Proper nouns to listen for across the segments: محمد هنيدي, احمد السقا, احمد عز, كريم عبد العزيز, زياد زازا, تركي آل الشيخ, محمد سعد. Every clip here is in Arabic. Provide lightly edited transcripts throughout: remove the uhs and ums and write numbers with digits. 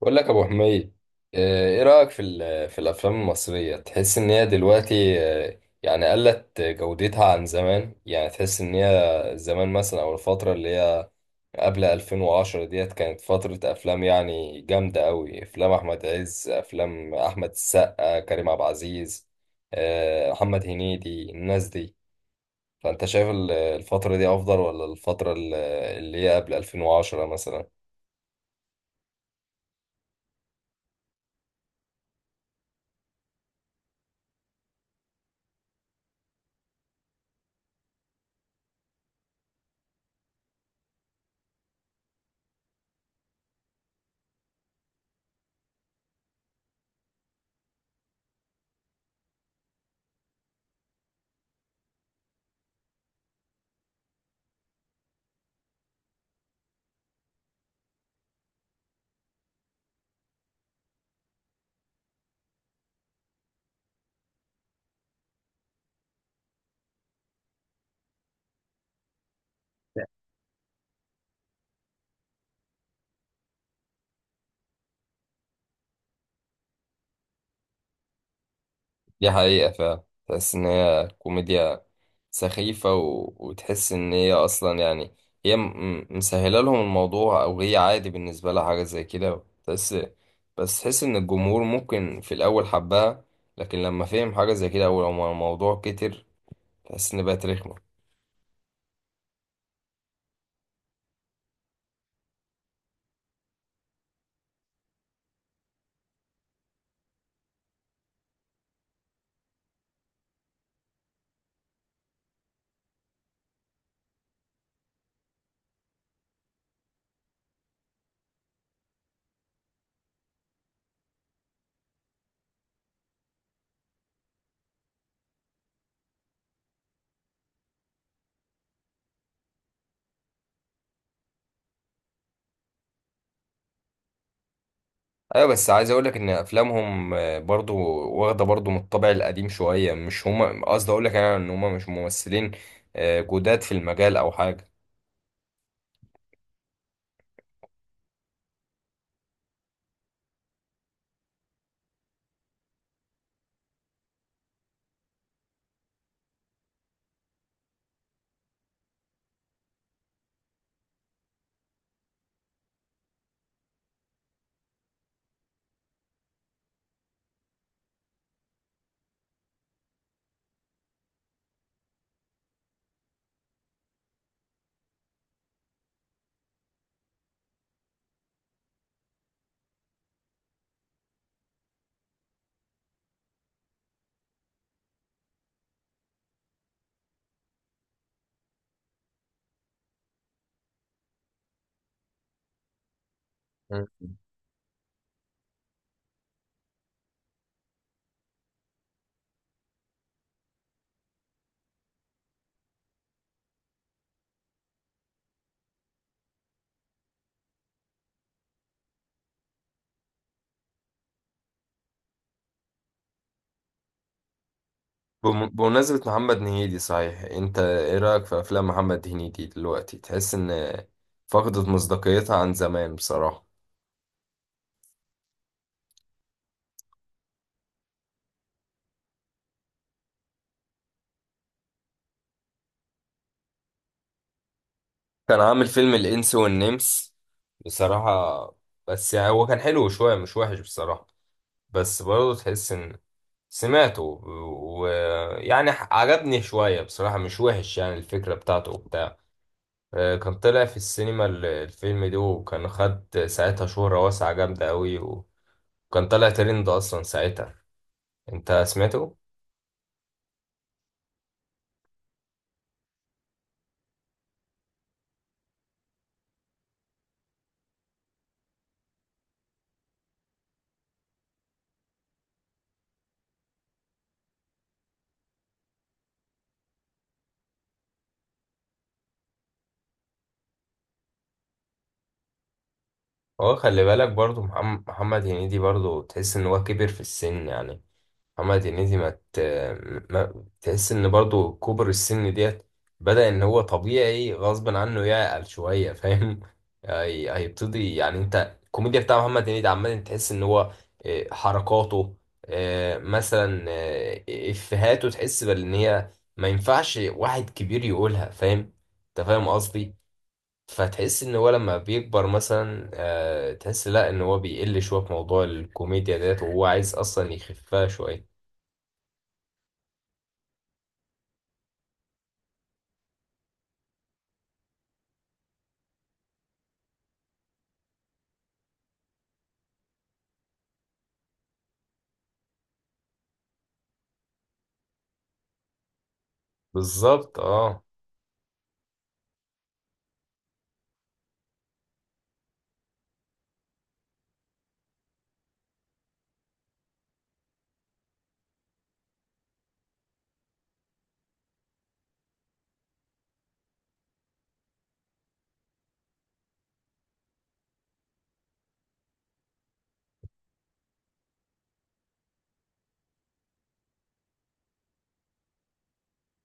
بقول لك يا ابو حميد. ايه رايك في في الافلام المصريه؟ تحس ان هي دلوقتي يعني قلت جودتها عن زمان؟ يعني تحس ان هي زمان مثلا، او الفتره اللي هي قبل 2010 ديت، كانت فتره افلام يعني جامده قوي. افلام احمد عز، افلام احمد السقا، كريم عبد العزيز، محمد هنيدي، الناس دي. فانت شايف الفتره دي افضل ولا الفتره اللي هي قبل 2010 مثلا؟ دي حقيقة، فعلا تحس إن هي كوميديا سخيفة وتحس إن هي أصلا يعني، هي مسهلة لهم الموضوع، أو هي عادي بالنسبة لها حاجة زي كده، تحس. بس تحس إن الجمهور ممكن في الأول حبها، لكن لما فهم حاجة زي كده أو لما الموضوع كتر، تحس إن بقت رخمة. أيوة، بس عايز أقولك إن أفلامهم برضو واخدة برضو من الطابع القديم شوية. مش هما، قصدي أقولك أنا إن هما مش ممثلين جداد في المجال أو حاجة. بمناسبة محمد هنيدي، صحيح انت ايه رأيك في افلام محمد هنيدي دلوقتي؟ تحس ان فقدت مصداقيتها عن زمان بصراحة؟ كان عامل فيلم الانس والنمس بصراحة، بس يعني هو كان حلو شوية، مش وحش بصراحة. بس برضه تحس ان... سمعته، ويعني عجبني شوية بصراحة، مش وحش، يعني الفكرة بتاعته وبتاع. كان طلع في السينما الفيلم ده، وكان خد ساعتها شهرة واسعة جامدة قوي، وكان طلع ترند اصلا ساعتها. انت سمعته؟ هو خلي بالك برضو، محمد هنيدي برضو، تحس ان هو كبر في السن يعني. محمد هنيدي ما تحس ان برضو كبر السن ديت، بدأ ان هو طبيعي غصب عنه يعقل شوية، فاهم؟ هيبتدي يعني. انت الكوميديا بتاع محمد هنيدي عمال تحس ان هو اه، حركاته، اه، مثلا افهاته، تحس بان هي ما ينفعش واحد كبير يقولها، فاهم؟ انت فاهم قصدي. فتحس ان هو لما بيكبر مثلا، تحس لا، ان هو بيقل شويه في موضوع الكوميديا ديت، وهو عايز اصلا يخفها شويه. بالظبط اه.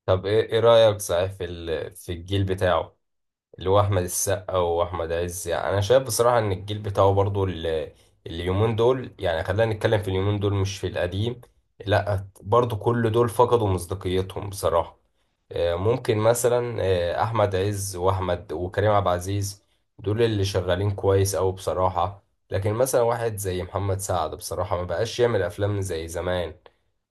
طب ايه رايك صحيح في في الجيل بتاعه، اللي هو احمد السقا واحمد عز؟ يعني انا شايف بصراحه ان الجيل بتاعه برضو اليومين دول، يعني خلينا نتكلم في اليومين دول مش في القديم، لا برضو كل دول فقدوا مصداقيتهم بصراحه. ممكن مثلا احمد عز واحمد وكريم عبد العزيز، دول اللي شغالين كويس أوي بصراحة. لكن مثلا واحد زي محمد سعد بصراحة ما بقاش يعمل افلام زي زمان.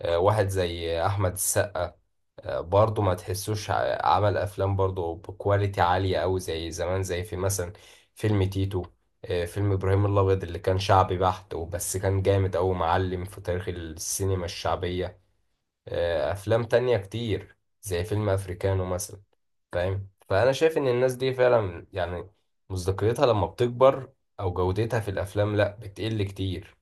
واحد زي احمد السقا برضه ما تحسوش عمل افلام برضه بكواليتي عالية أوي زي زمان، زي في مثلا فيلم تيتو، فيلم ابراهيم الابيض اللي كان شعبي بحت وبس، كان جامد أوي، معلم في تاريخ السينما الشعبية. افلام تانية كتير زي فيلم افريكانو مثلا، فاهم؟ فانا شايف ان الناس دي فعلا يعني مصداقيتها لما بتكبر او جودتها في الافلام لا بتقل كتير.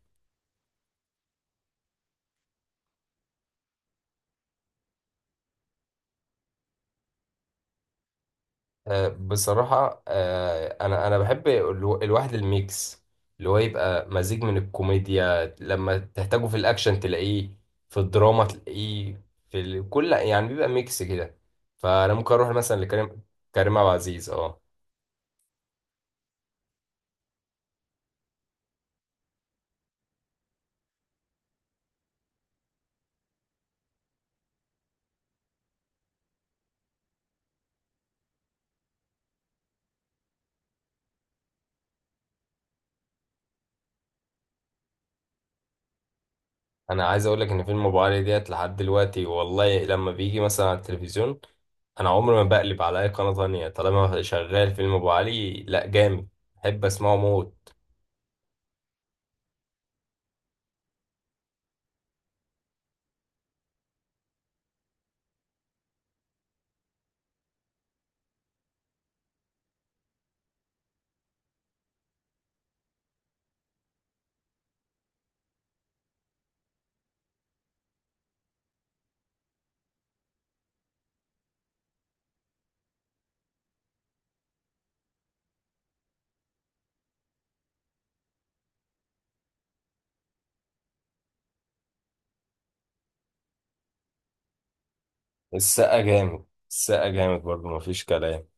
بصراحة انا بحب الواحد الميكس، اللي هو يبقى مزيج من الكوميديا، لما تحتاجه في الاكشن تلاقيه، في الدراما تلاقيه، في كل يعني، بيبقى ميكس كده. فانا ممكن اروح مثلا لكريم، كريم عبد العزيز اه. انا عايز اقول لك ان فيلم ابو علي ديت لحد دلوقتي، والله لما بيجي مثلا على التلفزيون، انا عمري ما بقلب على اي قناة تانية طالما شغال فيلم ابو علي، لا جامد، بحب اسمعه موت. السقا جامد، السقا جامد برضه، مفيش كلام.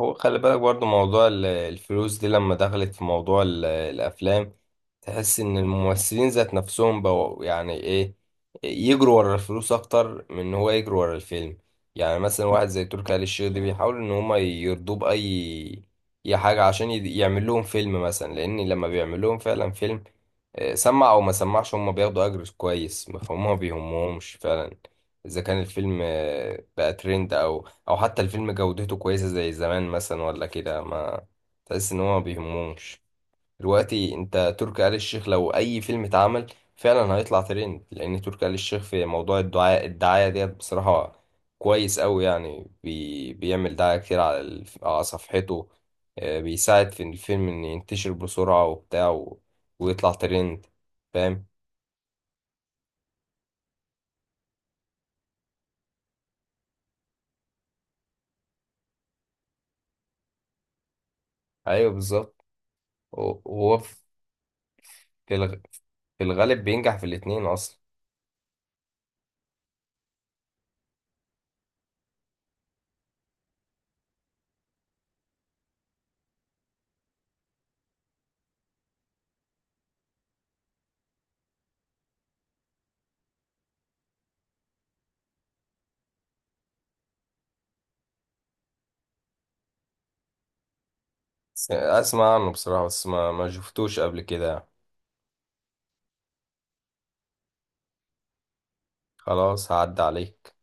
هو خلي بالك برضو، موضوع الفلوس دي لما دخلت في موضوع الأفلام، تحس إن الممثلين ذات نفسهم بقوا يعني إيه، يجروا ورا الفلوس أكتر من إن هو يجروا ورا الفيلم. يعني مثلا واحد زي تركي آل الشيخ ده بيحاول إن هما يرضوه بأي حاجة عشان يعمل لهم فيلم مثلا، لأن لما بيعمل لهم فعلا فيلم، سمع أو ما سمعش، هما بياخدوا أجر كويس، فهم ما بيهمهمش فعلا إذا كان الفيلم بقى ترند، أو حتى الفيلم جودته كويسة زي زمان مثلا ولا كده، ما تحس ان هو ما بيهمهمش. دلوقتي انت تركي آل الشيخ لو اي فيلم اتعمل فعلا هيطلع ترند، لان تركي آل الشيخ في موضوع الدعاية ديت بصراحة كويس قوي يعني، بيعمل دعاية كتير على على صفحته. بيساعد في الفيلم ان ينتشر بسرعة وبتاع ويطلع ترند، فاهم؟ ايوه بالظبط. هو في في الغالب بينجح في الاتنين اصلا. بس اسمع عنه بصراحة، بس ما شفتوش قبل كده. خلاص هعدي عليك.